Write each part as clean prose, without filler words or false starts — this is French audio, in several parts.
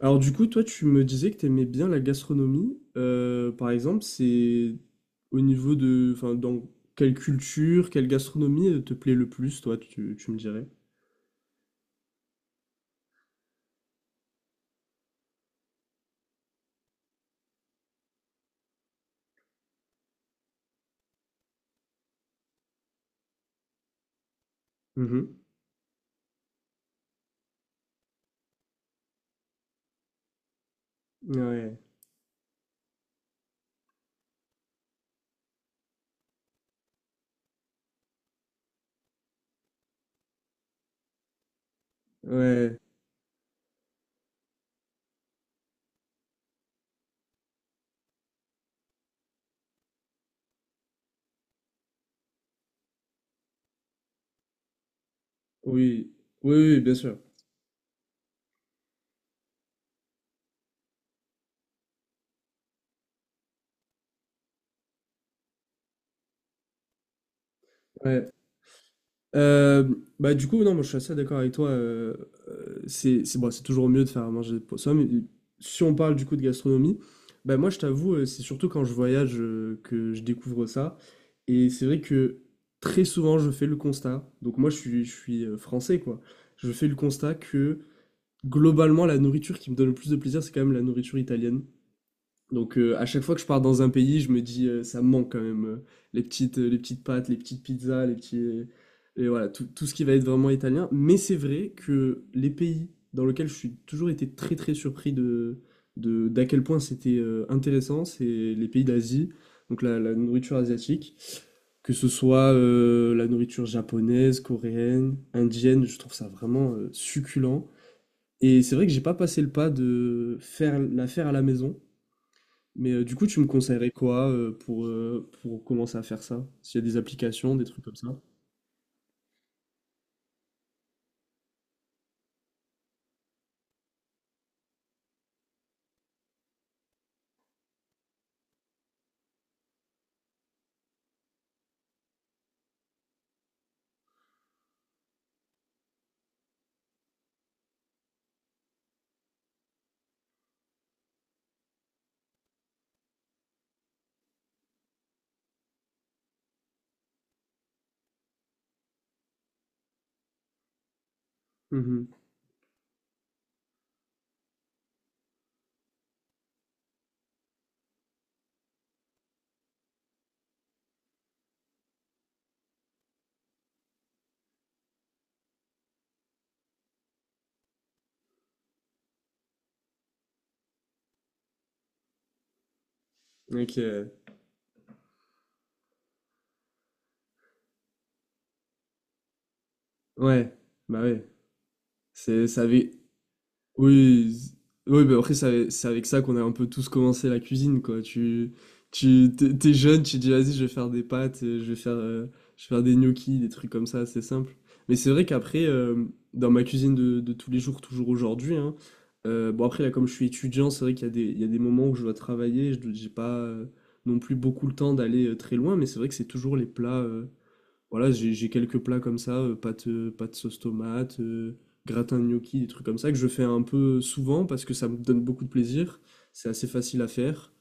Alors du coup, toi, tu me disais que tu aimais bien la gastronomie. Par exemple, c'est au niveau de, dans quelle culture, quelle gastronomie te plaît le plus, toi, tu me dirais. Mhm. Ouais, ouais, oui, oui, oui, bien sûr. Ouais. Euh, Bah du coup non, moi je suis assez d'accord avec toi, c'est bon, c'est toujours mieux de faire à manger pour soi, mais si on parle du coup de gastronomie, bah moi je t'avoue, c'est surtout quand je voyage que je découvre ça. Et c'est vrai que très souvent je fais le constat. Donc moi je suis français, quoi. Je fais le constat que globalement la nourriture qui me donne le plus de plaisir, c'est quand même la nourriture italienne. Donc à chaque fois que je pars dans un pays, je me dis ça me manque quand même, les petites pâtes, les petites pizzas, les petits et voilà, tout ce qui va être vraiment italien. Mais c'est vrai que les pays dans lesquels je suis toujours été très très surpris de d'à quel point c'était intéressant, c'est les pays d'Asie, donc la nourriture asiatique, que ce soit la nourriture japonaise, coréenne, indienne, je trouve ça vraiment succulent. Et c'est vrai que j'ai pas passé le pas de faire à la maison. Mais du coup, tu me conseillerais quoi pour commencer à faire ça? S'il y a des applications, des trucs comme ça? Mhm. Ok. Ouais, bah ouais. C'est, ça avait... Oui, z- oui, bah après, c'est avec ça qu'on a un peu tous commencé la cuisine, quoi. T'es jeune, tu dis, vas-y, je vais faire des pâtes, je vais faire des gnocchis, des trucs comme ça, c'est simple. Mais c'est vrai qu'après, dans ma cuisine de tous les jours, toujours aujourd'hui, hein, bon, après, là, comme je suis étudiant, c'est vrai qu'il y a il y a des moments où je dois travailler, j'ai pas non plus beaucoup le temps d'aller très loin, mais c'est vrai que c'est toujours les plats. Voilà, j'ai quelques plats comme ça, pâte, pâte sauce tomate, gratin de gnocchi, des trucs comme ça que je fais un peu souvent parce que ça me donne beaucoup de plaisir. C'est assez facile à faire.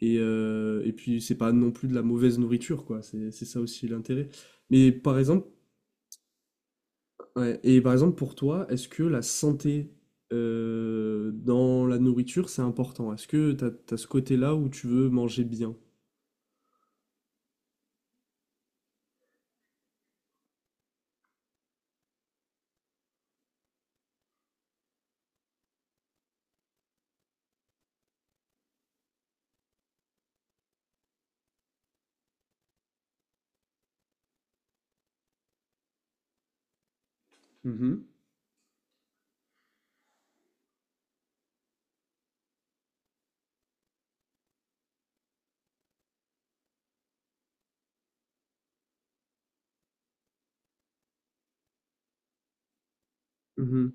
Et puis, c'est pas non plus de la mauvaise nourriture, quoi. C'est ça aussi l'intérêt. Mais par exemple, ouais, et par exemple, pour toi, est-ce que la santé dans la nourriture, c'est important? Est-ce que t'as ce côté-là où tu veux manger bien? Mhm. Mhm.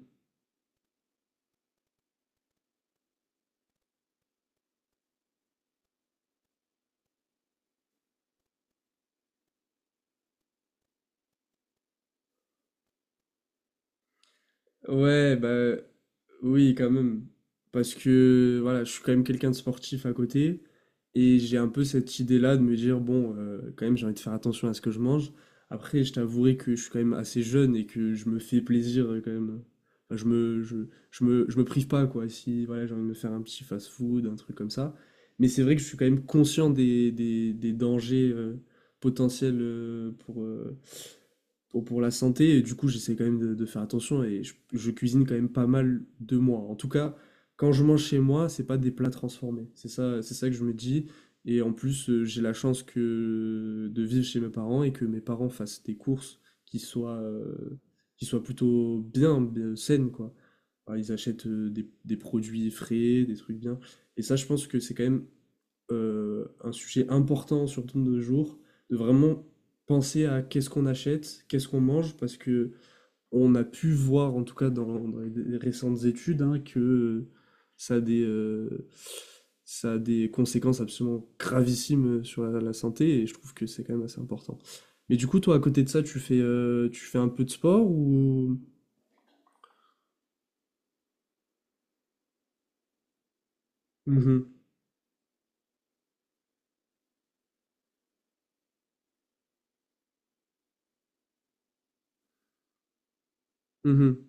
Ouais, bah oui, quand même. Parce que voilà, je suis quand même quelqu'un de sportif à côté. Et j'ai un peu cette idée-là de me dire, bon, quand même, j'ai envie de faire attention à ce que je mange. Après, je t'avouerai que je suis quand même assez jeune et que je me fais plaisir quand même. Enfin, je me prive pas, quoi. Si voilà, j'ai envie de me faire un petit fast-food, un truc comme ça. Mais c'est vrai que je suis quand même conscient des dangers potentiels pour, pour la santé. Et du coup, j'essaie quand même de faire attention, et je cuisine quand même pas mal de moi. En tout cas, quand je mange chez moi, c'est pas des plats transformés. C'est ça que je me dis. Et en plus, j'ai la chance que de vivre chez mes parents et que mes parents fassent des courses qui soient, plutôt bien, bien saines, quoi. Alors, ils achètent des produits frais, des trucs bien. Et ça, je pense que c'est quand même un sujet important, surtout de nos jours, de vraiment penser à qu'est-ce qu'on achète, qu'est-ce qu'on mange, parce que on a pu voir, en tout cas dans, dans les récentes études, hein, que ça a ça a des conséquences absolument gravissimes sur la santé, et je trouve que c'est quand même assez important. Mais du coup, toi, à côté de ça, tu fais un peu de sport ou... Mhm, mhm,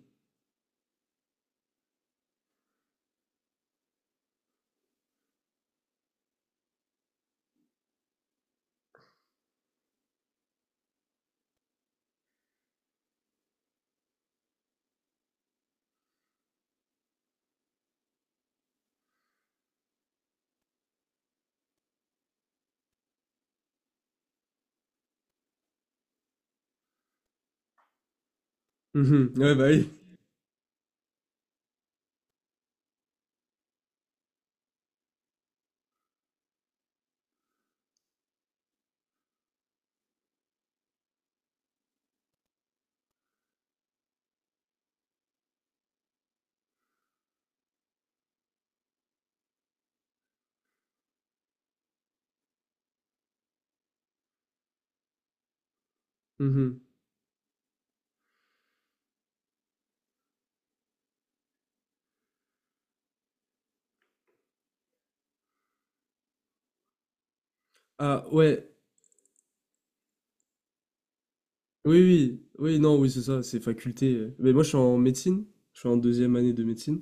mhm. Ouais, bah oui. Mhm. Ah ouais, oui, oui, oui, non, oui, c'est ça, c'est faculté. Mais moi, je suis en médecine, je suis en deuxième année de médecine.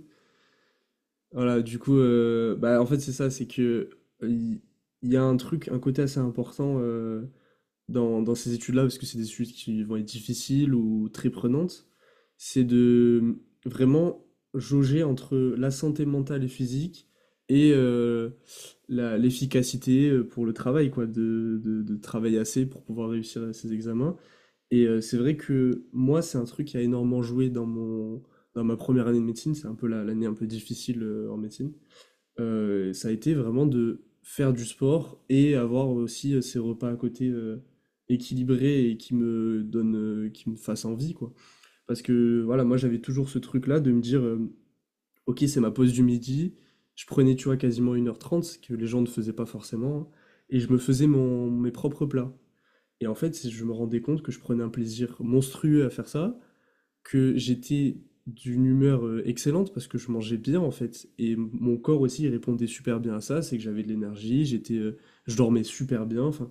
Voilà, du coup, bah, en fait, c'est ça, c'est que euh, il il y a un truc, un côté assez important, dans, dans ces études-là, parce que c'est des études qui vont être difficiles ou très prenantes, c'est de vraiment jauger entre la santé mentale et physique, et euh, l'efficacité pour le travail, quoi, de travailler assez pour pouvoir réussir à ces examens. C'est vrai que moi, c'est un truc qui a énormément joué dans dans ma première année de médecine. C'est un peu l'année un peu difficile en médecine. Ça a été vraiment de faire du sport et avoir aussi ces repas à côté équilibrés et qui me donnent, qui me fassent envie, quoi. Parce que voilà, moi, j'avais toujours ce truc-là de me dire, ok, c'est ma pause du midi. Je prenais, tu vois, quasiment 1h30, ce que les gens ne faisaient pas forcément, hein, et je me faisais mes propres plats. Et en fait, je me rendais compte que je prenais un plaisir monstrueux à faire ça, que j'étais d'une humeur excellente parce que je mangeais bien, en fait. Et mon corps aussi, il répondait super bien à ça, c'est que j'avais de l'énergie, j'étais, je dormais super bien. Enfin,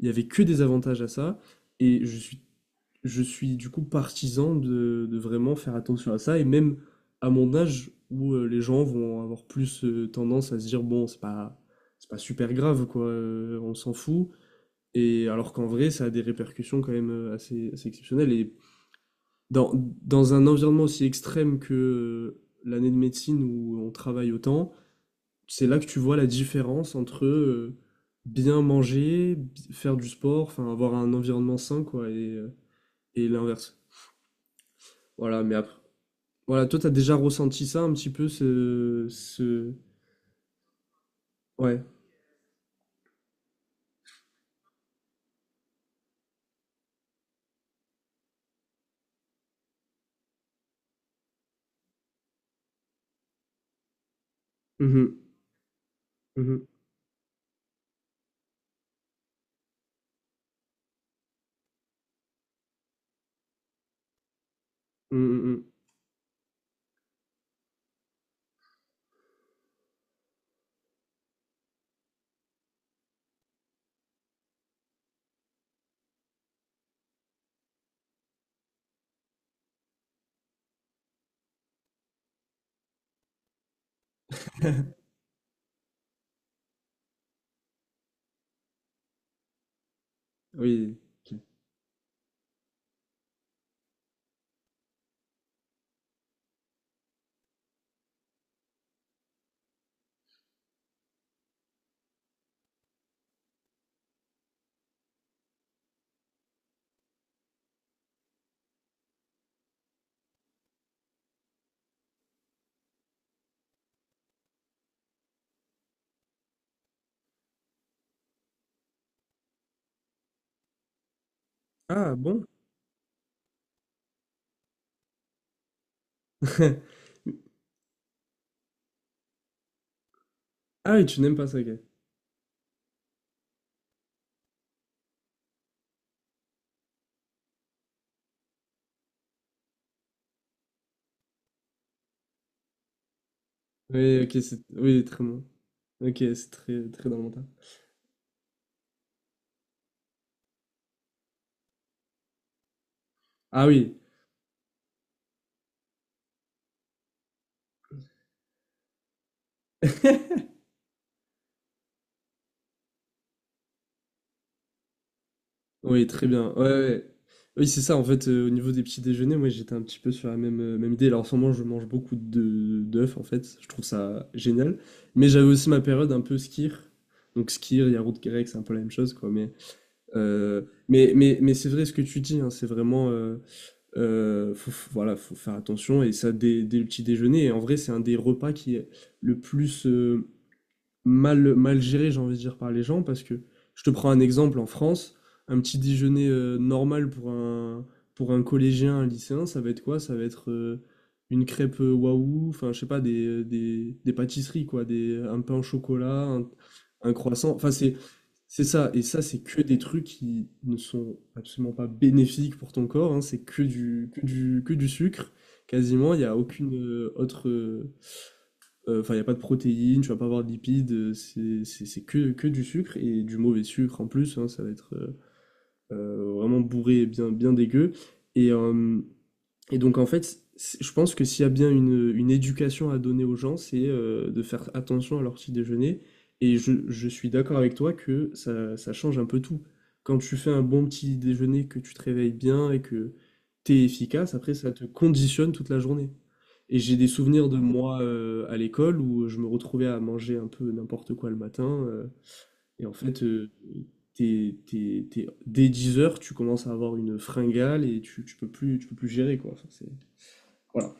il n'y avait que des avantages à ça. Et je suis du coup partisan de vraiment faire attention à ça. Et même à mon âge où les gens vont avoir plus tendance à se dire, bon, c'est pas super grave, quoi, on s'en fout. Et alors qu'en vrai, ça a des répercussions quand même assez exceptionnelles. Et dans, dans un environnement aussi extrême que l'année de médecine où on travaille autant, c'est là que tu vois la différence entre bien manger, faire du sport, enfin avoir un environnement sain, quoi, et l'inverse. Voilà, mais après. Voilà, toi, t'as déjà ressenti ça un petit peu, ce... ce... Ouais. Mhm, mhm, mhm, mhm. Oui. Ok. Ah, bon? Ah oui, tu n'aimes pas ça, ok. Oui, ok, c'est oui, très bon. Ok, c'est très très dans mon tas. Ah oui, oui, très bien. Ouais, ouais, ouais. Oui, c'est ça. En fait, au niveau des petits déjeuners, moi, j'étais un petit peu sur la même même idée. Alors, en ce moment, je mange beaucoup de d'œufs. En fait, je trouve ça génial. Mais j'avais aussi ma période un peu skir. Donc skir, yaourt grec, c'est un peu la même chose, quoi. Mais mais c'est vrai ce que tu dis, hein, c'est vraiment voilà, faut faire attention, et ça dès, dès le petit déjeuner. Et en vrai, c'est un des repas qui est le plus mal géré, j'ai envie de dire, par les gens, parce que je te prends un exemple en France, un petit déjeuner normal pour pour un collégien, un lycéen, ça va être quoi? Ça va être une crêpe waouh, enfin, je sais pas, des pâtisseries, quoi, un pain au chocolat, un croissant, enfin, c'est ça, et ça, c'est que des trucs qui ne sont absolument pas bénéfiques pour ton corps, hein, c'est que du sucre, quasiment, il n'y a aucune autre. Enfin, il y a pas de protéines, tu vas pas avoir de lipides, c'est que du sucre et du mauvais sucre en plus, hein, ça va être, vraiment bourré et bien bien dégueu et hem et donc en fait, c je pense que s'il y a bien une éducation à donner aux gens, c'est, de faire attention à leur petit déjeuner, et je suis d'accord avec toi que ça change un peu tout. Quand tu fais un bon petit déjeuner, que tu te réveilles bien et que tu es efficace, après ça te conditionne toute la journée. Et j'ai des souvenirs de moi à l'école où je me retrouvais à manger un peu n'importe quoi le matin. Et en fait, t'es- dès 10 heures, tu commences à avoir une fringale et tu peux plus gérer, quoi. Enfin, voilà.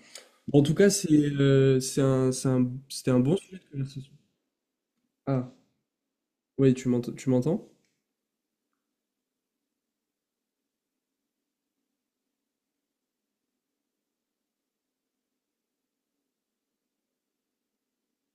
En tout cas, c'est, c'était un bon sujet de conversation. Ah, oui, tu m'entends, tu m'entends?